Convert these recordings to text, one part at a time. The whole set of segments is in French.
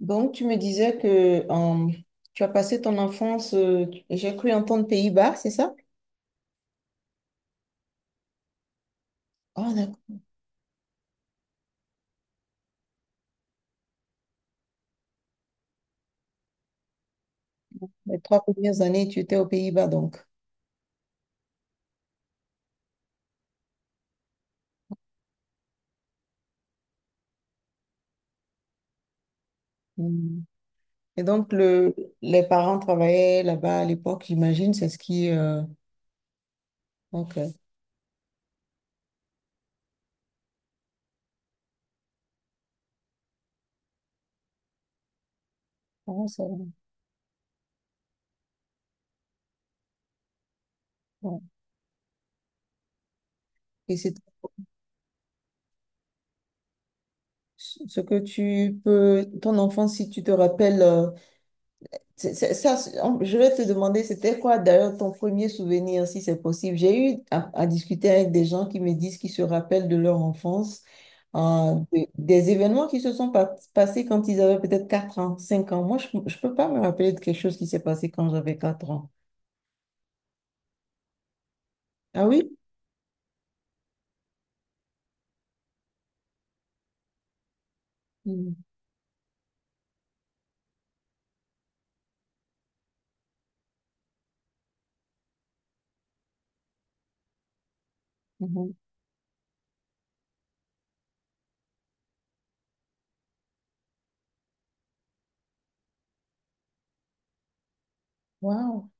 Donc, tu me disais que tu as passé ton enfance, j'ai cru entendre Pays-Bas, c'est ça? Ah, d'accord. Les trois premières années, tu étais aux Pays-Bas, donc. Hmm. Et donc, les parents travaillaient là-bas à l'époque, j'imagine, c'est ce qui... ok. Ah, ça va. Ouais. Et c'est ce que tu peux... Ton enfance, si tu te rappelles, je vais te demander, c'était quoi d'ailleurs ton premier souvenir, si c'est possible. J'ai eu à discuter avec des gens qui me disent qu'ils se rappellent de leur enfance, des événements qui se sont passés quand ils avaient peut-être 4 ans, 5 ans. Moi, je ne peux pas me rappeler de quelque chose qui s'est passé quand j'avais 4 ans. Ah oui? Mhm. Mhm. Waouh!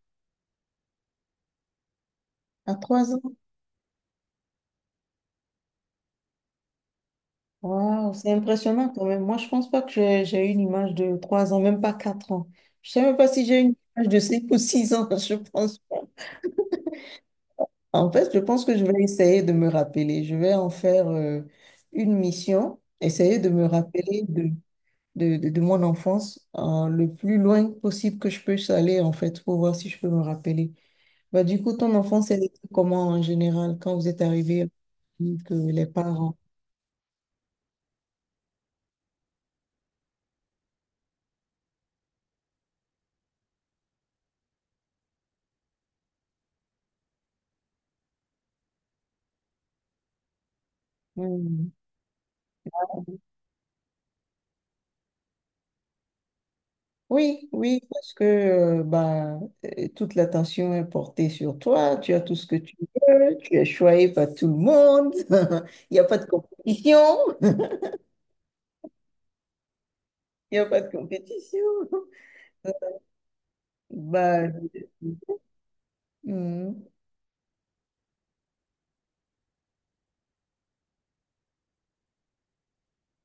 À 3 ans? Waouh! C'est impressionnant quand même. Moi, je pense pas que j'ai une image de 3 ans, même pas 4 ans. Je sais même pas si j'ai une image de 5 ou 6 ans, je pense. En fait, je pense que je vais essayer de me rappeler. Je vais en faire une mission, essayer de me rappeler de mon enfance le plus loin possible que je peux aller, en fait, pour voir si je peux me rappeler. Bah, du coup, ton enfance, elle était comment en général quand vous êtes arrivé que les parents? Hmm. Oui, oui, parce que toute l'attention est portée sur toi, tu as tout ce que tu veux, tu es choyé par tout le monde, il n'y a pas de compétition, il n'y a pas de compétition. Bah, je- Mhm.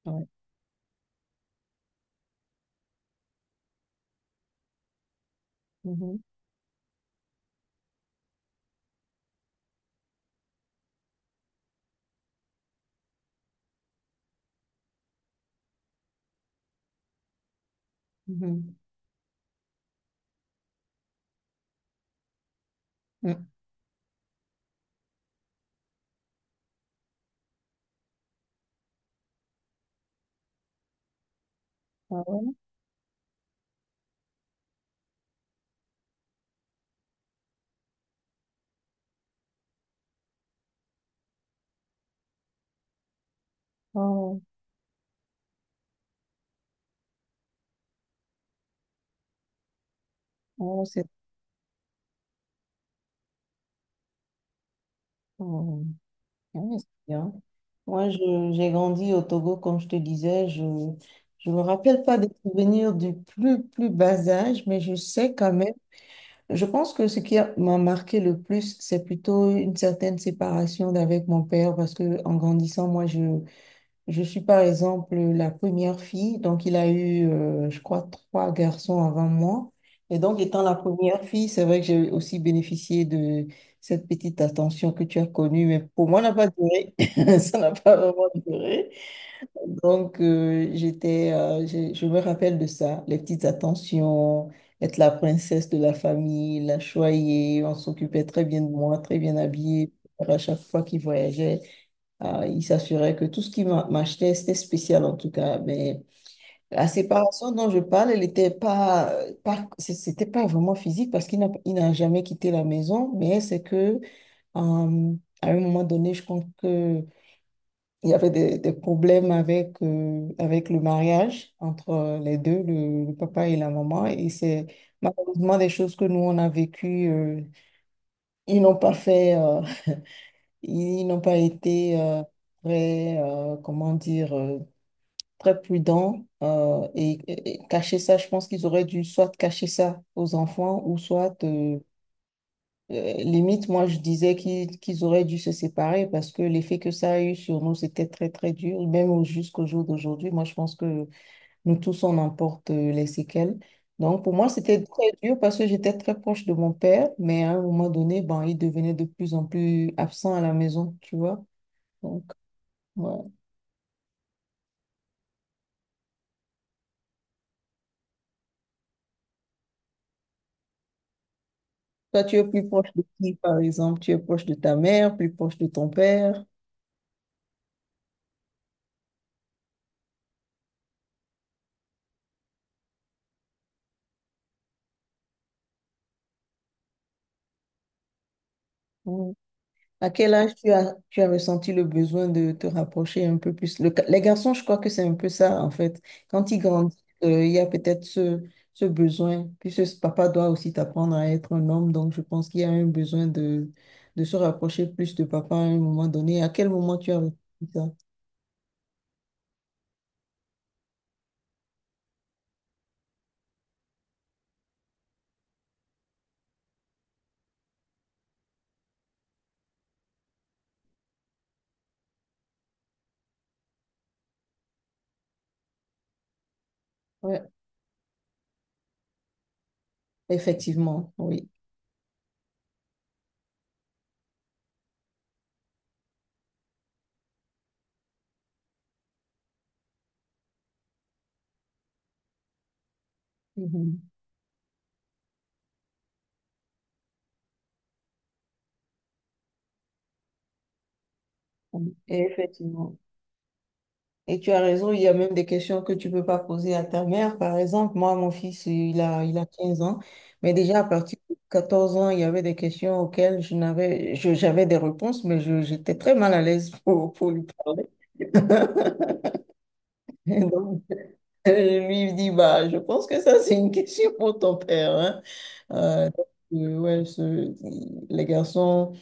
Ouais. Mhm. Mhm. Mhm. Ah ouais? Oh, oh, c'est oh, ah ouais, c'est bien. Moi, j'ai grandi au Togo, comme je te disais. Je ne me rappelle pas des souvenirs du plus bas âge, mais je sais quand même. Je pense que ce qui m'a marqué le plus, c'est plutôt une certaine séparation d'avec mon père parce que en grandissant, je suis par exemple la première fille, donc il a eu, je crois, trois garçons avant moi. Et donc, étant la première fille, c'est vrai que j'ai aussi bénéficié de cette petite attention que tu as connue, mais pour moi, ça n'a pas duré. Ça n'a pas vraiment duré. Donc, je me rappelle de ça, les petites attentions, être la princesse de la famille, la choyée, on s'occupait très bien de moi, très bien habillée. À chaque fois qu'il voyageait, il s'assurait que tout ce qu'il m'achetait, c'était spécial en tout cas. Mais la séparation dont je parle, elle n'était pas, pas, c'est- c'était pas vraiment physique parce qu'il n'a jamais quitté la maison, mais c'est que, euh, à un moment donné, je pense que il y avait des problèmes avec, avec le mariage entre les deux, le papa et la maman. Et c'est malheureusement des choses que nous, on a vécues. Ils n'ont pas fait, ils n'ont pas été comment dire, très prudents. Et et cacher ça, je pense qu'ils auraient dû soit cacher ça aux enfants ou soit... limite, moi, je disais qu'ils auraient dû se séparer parce que l'effet que ça a eu sur nous, c'était très, très dur. Même jusqu'au jour d'aujourd'hui, moi, je pense que nous tous, on en porte les séquelles. Donc, pour moi, c'était très dur parce que j'étais très proche de mon père, mais à un moment donné, ben, il devenait de plus en plus absent à la maison, tu vois. Donc, voilà. Toi, tu es plus proche de qui, par exemple? Tu es proche de ta mère, plus proche de ton père? À quel âge tu as ressenti le besoin de te rapprocher un peu plus? Les garçons, je crois que c'est un peu ça, en fait. Quand ils grandissent, il y a peut-être ce besoin. Puis ce papa doit aussi t'apprendre à être un homme, donc je pense qu'il y a un besoin de se rapprocher plus de papa à un moment donné. À quel moment tu as ressenti ça? Ouais, effectivement, oui. Mhm. Et effectivement. Et tu as raison, il y a même des questions que tu peux pas poser à ta mère. Par exemple, moi, mon fils, il a 15 ans, mais déjà à partir de 14 ans, il y avait des questions auxquelles j'avais des réponses, mais j'étais très mal à l'aise pour lui parler. Et donc, je lui dis, bah, je pense que ça, c'est une question pour ton père, hein. Euh, donc, ouais, les garçons.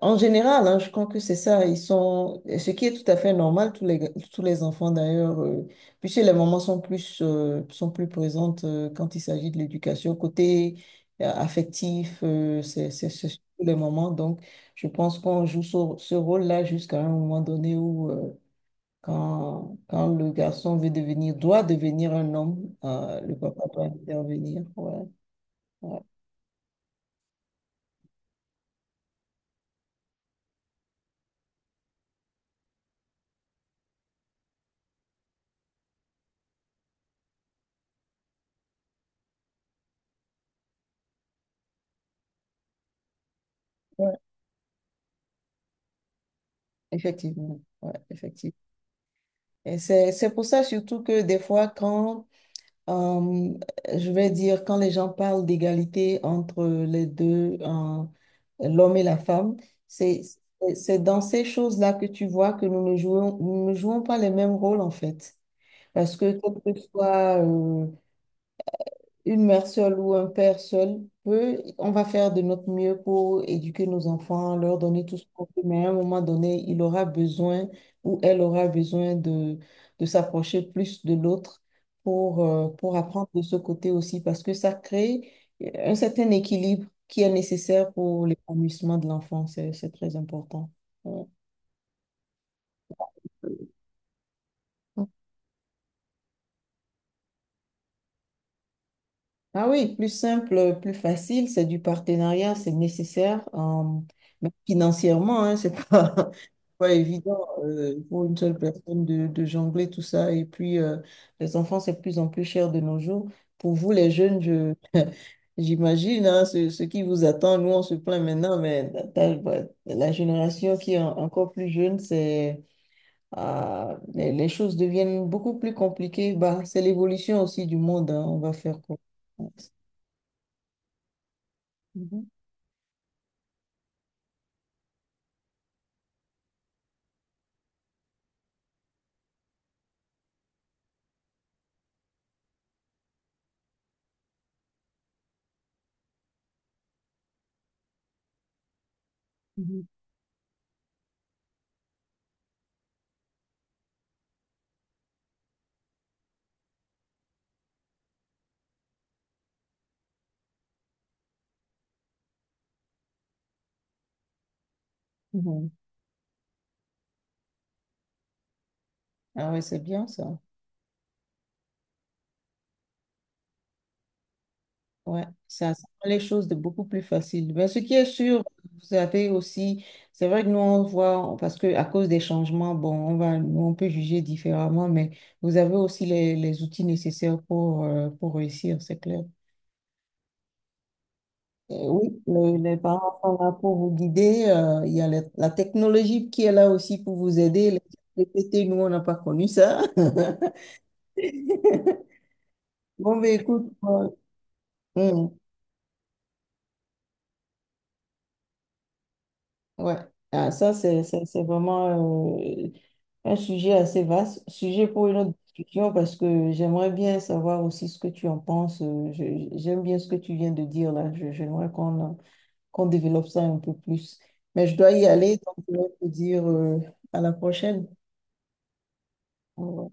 En général, hein, je crois que c'est ça. Ils sont, ce qui est tout à fait normal, tous les enfants d'ailleurs, puisque les mamans sont sont plus présentes quand il s'agit de l'éducation. Côté affectif, c'est surtout les mamans. Donc, je pense qu'on joue ce rôle-là jusqu'à un moment donné où, quand le garçon doit devenir un homme, le papa doit intervenir. Ouais, ouais, ouais, effectivement. Ouais, effectivement. Et c'est pour ça surtout que des fois, euh, je vais dire, quand les gens parlent d'égalité entre les deux, l'homme et la femme, c'est c'est dans ces choses-là que tu vois que nous ne jouons pas les mêmes rôles en fait. Parce que quel que soit, une mère seule ou un père seul peut, on va faire de notre mieux pour éduquer nos enfants, leur donner tout ce qu'on peut, mais à un moment donné, il aura besoin ou elle aura besoin de s'approcher plus de l'autre pour apprendre de ce côté aussi, parce que ça crée un certain équilibre qui est nécessaire pour l'épanouissement de l'enfant. C'est très important. Ouais. Ah oui, plus simple, plus facile, c'est du partenariat, c'est nécessaire. Mais financièrement, hein, c'est pas, pas évident pour une seule personne de jongler tout ça. Et puis, les enfants, c'est de plus en plus cher de nos jours. Pour vous, les jeunes, j'imagine hein, ce qui vous attend. Nous, on se plaint maintenant, mais bah, la génération qui est encore plus jeune, c'est, ah, les choses deviennent beaucoup plus compliquées. Bah, c'est l'évolution aussi du monde. Hein, on va faire quoi? Mhm. Mhm, mhm. Ah oui, c'est bien ça. Ouais, ça rend les choses de beaucoup plus faciles. Mais ce qui est sûr, vous avez aussi, c'est vrai que nous, on voit, parce que à cause des changements, bon, on va, nous, on peut juger différemment, mais vous avez aussi les outils nécessaires pour réussir, c'est clair. Et oui, les parents sont là pour vous guider. Il y a la la technologie qui est là aussi pour vous aider. Les GPT, nous, on n'a pas connu ça. Bon, mais écoute, moi, ouais, ah, ça c'est vraiment un sujet assez vaste, sujet pour une autre discussion parce que j'aimerais bien savoir aussi ce que tu en penses. J'aime bien ce que tu viens de dire là. J'aimerais qu'on qu'on développe ça un peu plus. Mais je dois y aller, donc je vais te dire à la prochaine. Au revoir.